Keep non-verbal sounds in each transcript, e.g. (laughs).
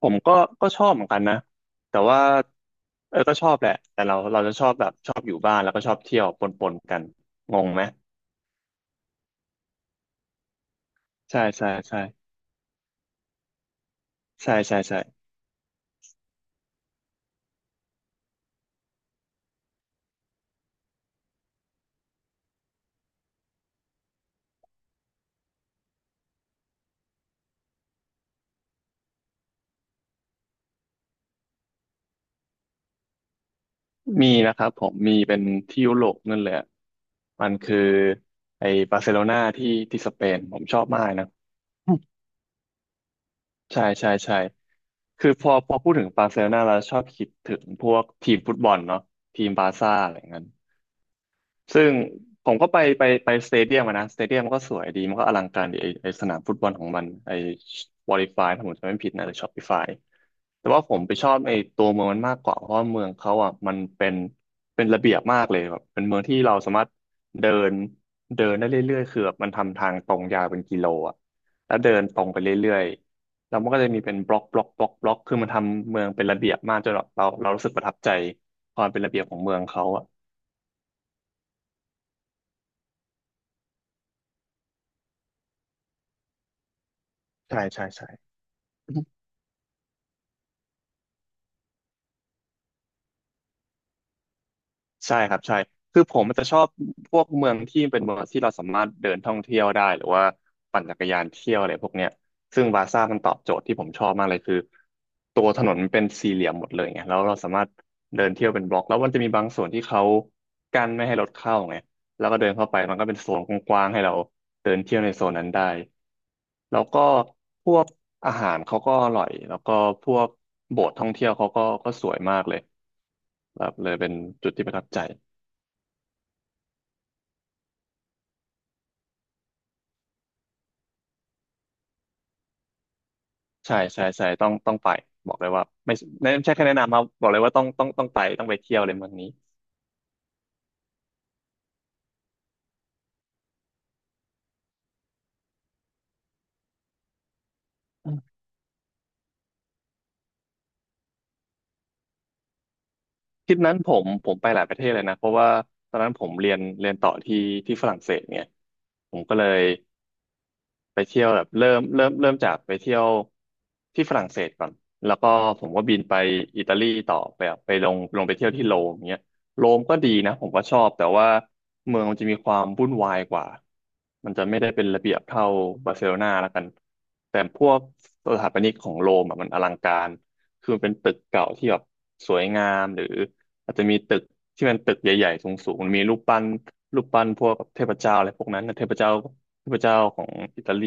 ผมก็ชอบเหมือนกันนะแต่ว่าก็ชอบแหละแต่เราจะชอบแบบชอบอยู่บ้านแล้วก็ชอบเที่ยวปนกันงงไหมใช่ใช่ใช่ใช่ใช่ใช่มีนะครับผมมีเป็นที่ยุโรปนั่นแหละมันคือไอ้บาร์เซโลนาที่ที่สเปนผมชอบมากนะ (laughs) ใช่ใช่ใช่คือพอพูดถึงบาร์เซโลนาเราชอบคิดถึงพวกทีมฟุตบอลเนาะทีมบาร์ซ่าอะไรเงี้ย ซึ่งผมก็ไปสเตเดียมอะนะสเตเดียมมันก็สวยดีมันก็อลังการดีไอสนามฟุตบอลของมันไอวอลิฟายถ้าผมจำไม่ผิดนะหรือชอปปี้ฟายแต่ว่าผมไปชอบไอตัวเมืองมันมากกว่าเพราะว่าเมืองเขาอ่ะมันเป็นระเบียบมากเลยแบบเป็นเมืองที่เราสามารถเดินเดินได้เรื่อยๆคือแบบมันทำทางตรงยาวเป็นกิโลอ่ะแล้วเดินตรงไปเรื่อยๆแล้วมันก็จะมีเป็นบล็อกคือมันทำเมืองเป็นระเบียบมากจนแบบเรารู้สึกประทับใจความเป็นระเบียบของเมืองเขาอ่ะใช่ใช่ใช่ ใช่ครับใช่คือผมมันจะชอบพวกเมืองที่เป็นเมืองที่เราสามารถเดินท่องเที่ยวได้หรือว่าปั่นจักรยานเที่ยวอะไรพวกเนี้ยซึ่งวาซ่ามันตอบโจทย์ที่ผมชอบมากเลยคือตัวถนนมันเป็นสี่เหลี่ยมหมดเลยไงแล้วเราสามารถเดินเที่ยวเป็นบล็อกแล้วมันจะมีบางส่วนที่เขากั้นไม่ให้รถเข้าไงแล้วก็เดินเข้าไปมันก็เป็นโซนกว้างๆให้เราเดินเที่ยวในโซนนั้นได้แล้วก็พวกอาหารเขาก็อร่อยแล้วก็พวกโบสถ์ท่องเที่ยวเขาก็สวยมากเลยแบบเลยเป็นจุดที่ประทับใจ ใช่ใช่ใช่ต้องไปบอกเลยว่าไม่ใช่แค่แนะนำครับบอกเลยว่าต้องไปต้องไปเที่ยวเลยเมืองนี้อืมทริปนั้นผมไปหลายประเทศเลยนะเพราะว่าตอนนั้นผมเรียนต่อที่ฝรั่งเศสเนี่ยผมก็เลย ไปเที่ยวแบบเริ่มจากไปเที่ยวที่ฝรั่งเศสก่อนแล้วก็ผมก็บินไปอิตาลีต่อไปแบบไปลงไปเที่ยวที่โรมเงี้ยโรมก็ดีนะผมก็ชอบแต่ว่าเมืองมันจะมีความวุ่นวายกว่ามันจะไม่ได้เป็นระเบียบเท่าบาร์เซโลนาแล้วกันแต่พวกสถาปนิกของโรมอะมันอลังการคือมันเป็นตึกเก่าที่แบบสวยงามหรือ อาจจะมีตึกที่มันตึกใหญ่ๆสูงๆมันมีรูปปั้นพวกเทพเจ้าอะไรพวกนั้นนะเทพเจ้าของอิตาลี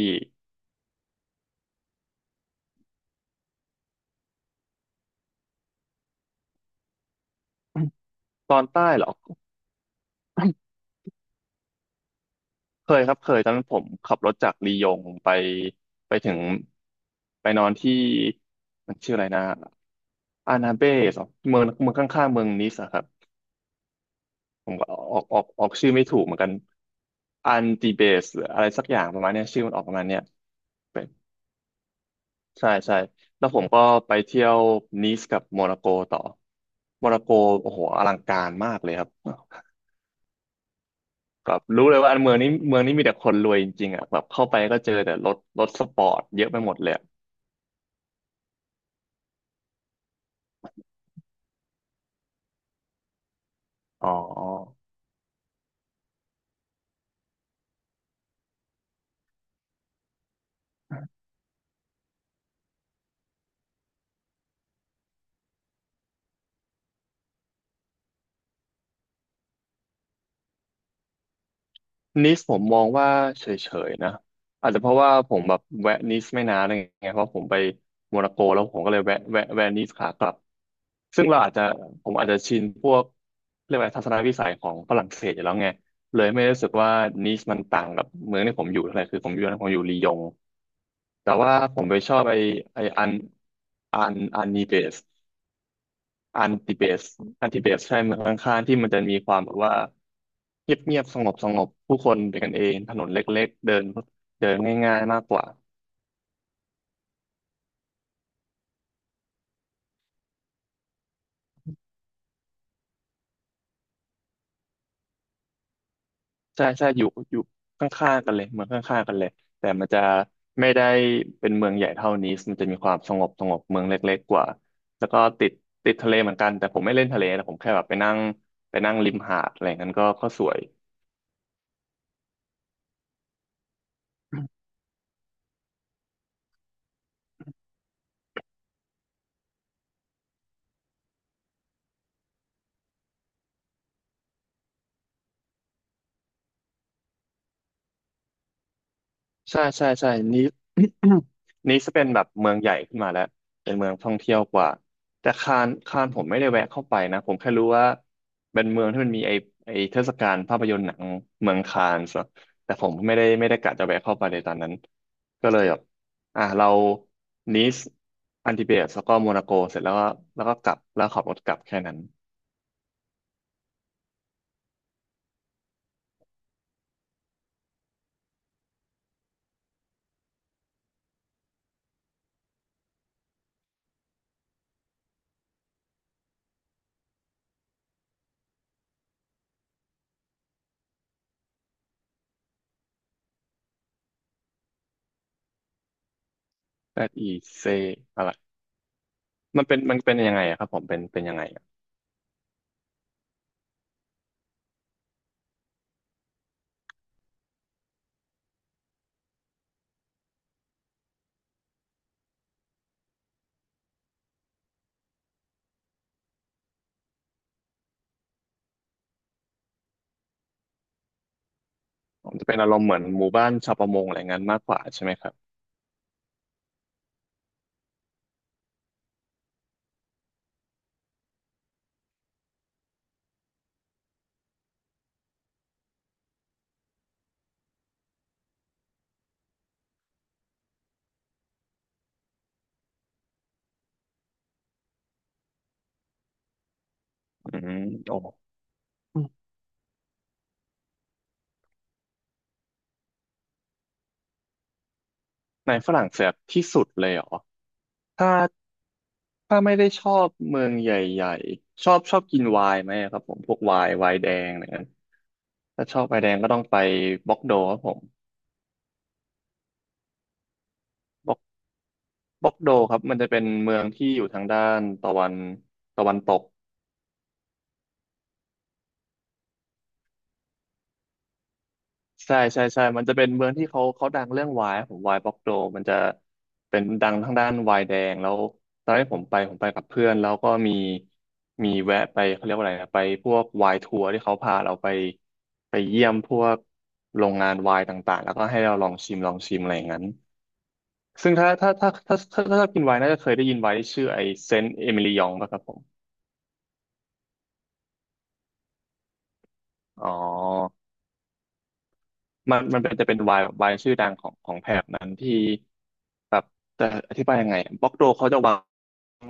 (coughs) ตอนใต้เหรอ (coughs) เคยครับเคยตอนนั้นผมขับรถจากลียงไปไปถึงไปนอนที่มันชื่ออะไรนะอานาเบสเหรอเมืองข้างๆเมืองนิสอะครับผมก็ออกชื่อไม่ถูกเหมือนกันอันติเบสหรืออะไรสักอย่างประมาณเนี้ยชื่อมันออกประมาณเนี้ย ใช่ใช่แล้วผมก็ไปเที่ยวนีสกับโมร็อกโกต่อโมร็อกโกโอ้โหอลังการมากเลยครับแบบรู้เลยว่าอันเมืองนี้มีแต่คนรวยจริงๆอ่ะแบบเข้าไปก็เจอแต่รถสปอร์ตเยอะไปหมดเลยอะอ๋อ นิสผมมองว่าเฉยๆนะอาจจะเพราะว่าผมแบบแวะนิสไม่นานอะไรเงี้ยเพราะผมไปโมนาโกแล้วผมก็เลยแวะนิสขากลับซึ่งเราอาจจะผมอาจจะชินพวกเรียกว่าทัศนวิสัยของฝรั่งเศสอยู่แล้วไงเลยไม่ได้รู้สึกว่านิสมันต่างกับเมืองที่ผมอยู่เท่าไหร่คือผมอยู่ลียงแต่ว่าผมไปชอบไออันนีเบส อันติเบสอันติเบสใช่เมืองข้างๆที่มันจะมีความแบบว่าเงียบเงียบสงบสงบผู้คนเป็นกันเองถนนเล็กๆเดินเดินง่ายๆมากกว่าใช่ใช่อยู่ข้างๆกันเลยเมืองข้างๆกันเลยแต่มันจะไม่ได้เป็นเมืองใหญ่เท่านี้มันจะมีความสงบสงบเมืองเล็กๆกว่าแล้วก็ติดทะเลเหมือนกันแต่ผมไม่เล่นทะเลแต่ผมแค่แบบไปนั่งริมหาดอะไรอย่างนั้นก็สวย ใช่ใช่ใช่นี้ (coughs) นี้จะเป็นแบบเมืองใหญ่ขึ้นมาแล้วเป็นเมืองท่องเที่ยวกว่าแต่คานผมไม่ได้แวะเข้าไปนะผมแค่รู้ว่าเป็นเมืองที่มันมีไอไอเทศกาลภาพยนตร์หนังเมืองคานส์อะแต่ผมไม่ได้กะจะแวะเข้าไปในตอนนั้นก็เลยแบบอ่ะเรานีสอันติเบตแล้วก็โมนาโกเสร็จแล้วก็แล้วก็กลับแล้วขับรถกลับแค่นั้นแต่อีเซอะไรมันเป็นยังไงอะครับผมเป็นยังไง ผมจะเป็นอารมณ์เหมือนหมู่บ้านชาวประมงอะไรงั้นมากกว่าใช่ไหมครับอืมโอ้ในฝรั่งเศสที่สุดเลยเหรอถ้าถ้าไม่ได้ชอบเมืองใหญ่ๆชอบกินไวน์ไหมครับผมพวกไวน์แดงอะไรเงี้ยถ้าชอบไวน์แดงก็ต้องไปบ็อกโดครับผมบ็อกบ็อกโดครับมันจะเป็นเมืองที่อยู่ทางด้านตะวันตก ใช่ใช่ใช่ มันจะเป็นเมืองที่เขาดังเรื่องไวน์ผมไวน์บล็อกโดมันจะเป็นดังทางด้านไวน์แดงแล้วตอนที่ผมไปผมไปกับเพื่อนแล้วก็มีแวะไปเขาเรียกว่าอะไรนะไปพวกไวน์ทัวร์ที่เขาพาเราไปไปเยี่ยมพวกโรงงานไวน์ต่างๆแล้วก็ให้เราลองชิมอะไรอย่างนั้นซึ่งถ้าชอบกินไวน์น่าจะเคยได้ยินไวน์ที่ชื่อไอเซนต์เอมิลียองป่ะครับผมอ๋อ มันจะเป็นวายชื่อดังของแถบนั้นที่แบบแต่อธิบายยังไงบล็อกโดเขาจะวาง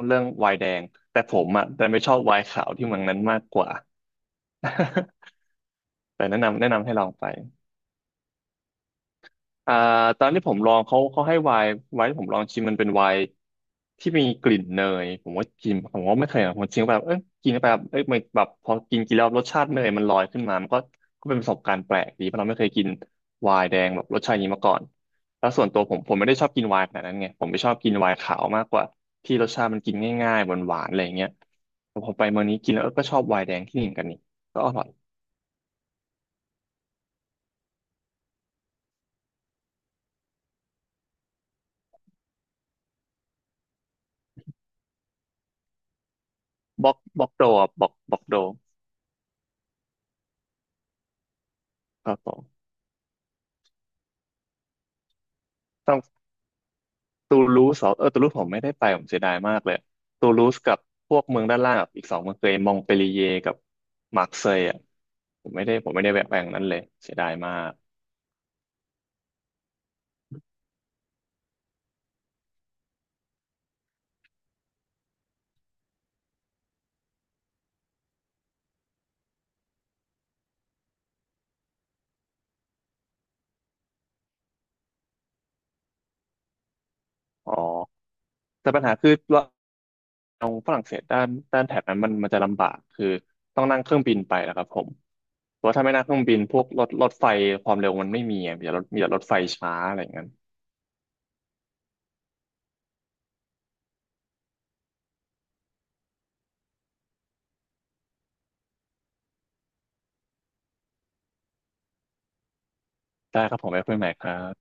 เรื่องวายแดงแต่ผมอ่ะแต่ไม่ชอบวายขาวที่เมืองนั้นมากกว่า (laughs) แต่แนะนำให้ลองไป อ่าตอนที่ผมลองเขาให้ไวน์ไวน์ที่ผมลองชิมมันเป็นไวน์ที่มีกลิ่นเนยผมว่ากินผมว่าไม่เคยนะผมชิมไปแบบเอ้ยกิน้ไปแบบเอ้ยมันแบบพอกินกินแล้วรสชาติเนยมันลอยขึ้นมามันก็ก็เป็นประสบการณ์แปลกดีเพราะเราไม่เคยกินไวน์แดงแบบรสชาติอย่างนี้มาก่อนแล้วส่วนตัวผมไม่ได้ชอบกินไวน์ขนาดนั้นไงผมไม่ชอบกินไวน์ขาวมากกว่าที่รสชาติมันกินง่ายๆหวานๆอะไรอย่างเงี้ยแต่พอไปเมืองนี้กินแล้วเออก็ชอบไวน์แดงที่นี่เหมือนกันนี่ก็อร่อยบอกบอกโดอ่ะบอกบอกโดครับผม ตูลูสเหรอเออตูลูสผมไม่ได้ไปผมเสียดายมากเลยตูลูสกับพวกเมืองด้านล่างอะอีกสองเมืองเคยมองเปลีเยกับมาร์เซยอ่ะผมไม่ได้แวะไปอย่างนั้นเลยเสียดายมากอ๋อแต่ปัญหาคือว่าเอาฝรั่งเศสด้านแถบนั้นมันจะลำบากคือต้องนั่งเครื่องบินไปนะครับผมเพราะว่าถ้าไม่นั่งเครื่องบินพวกรถไฟความเร็วมันไม่มีอะมีแต่รถมีแต่รถไฟช้าอะไรอย่างนั้นได้ครับผมไว้คุยใหม่ครับ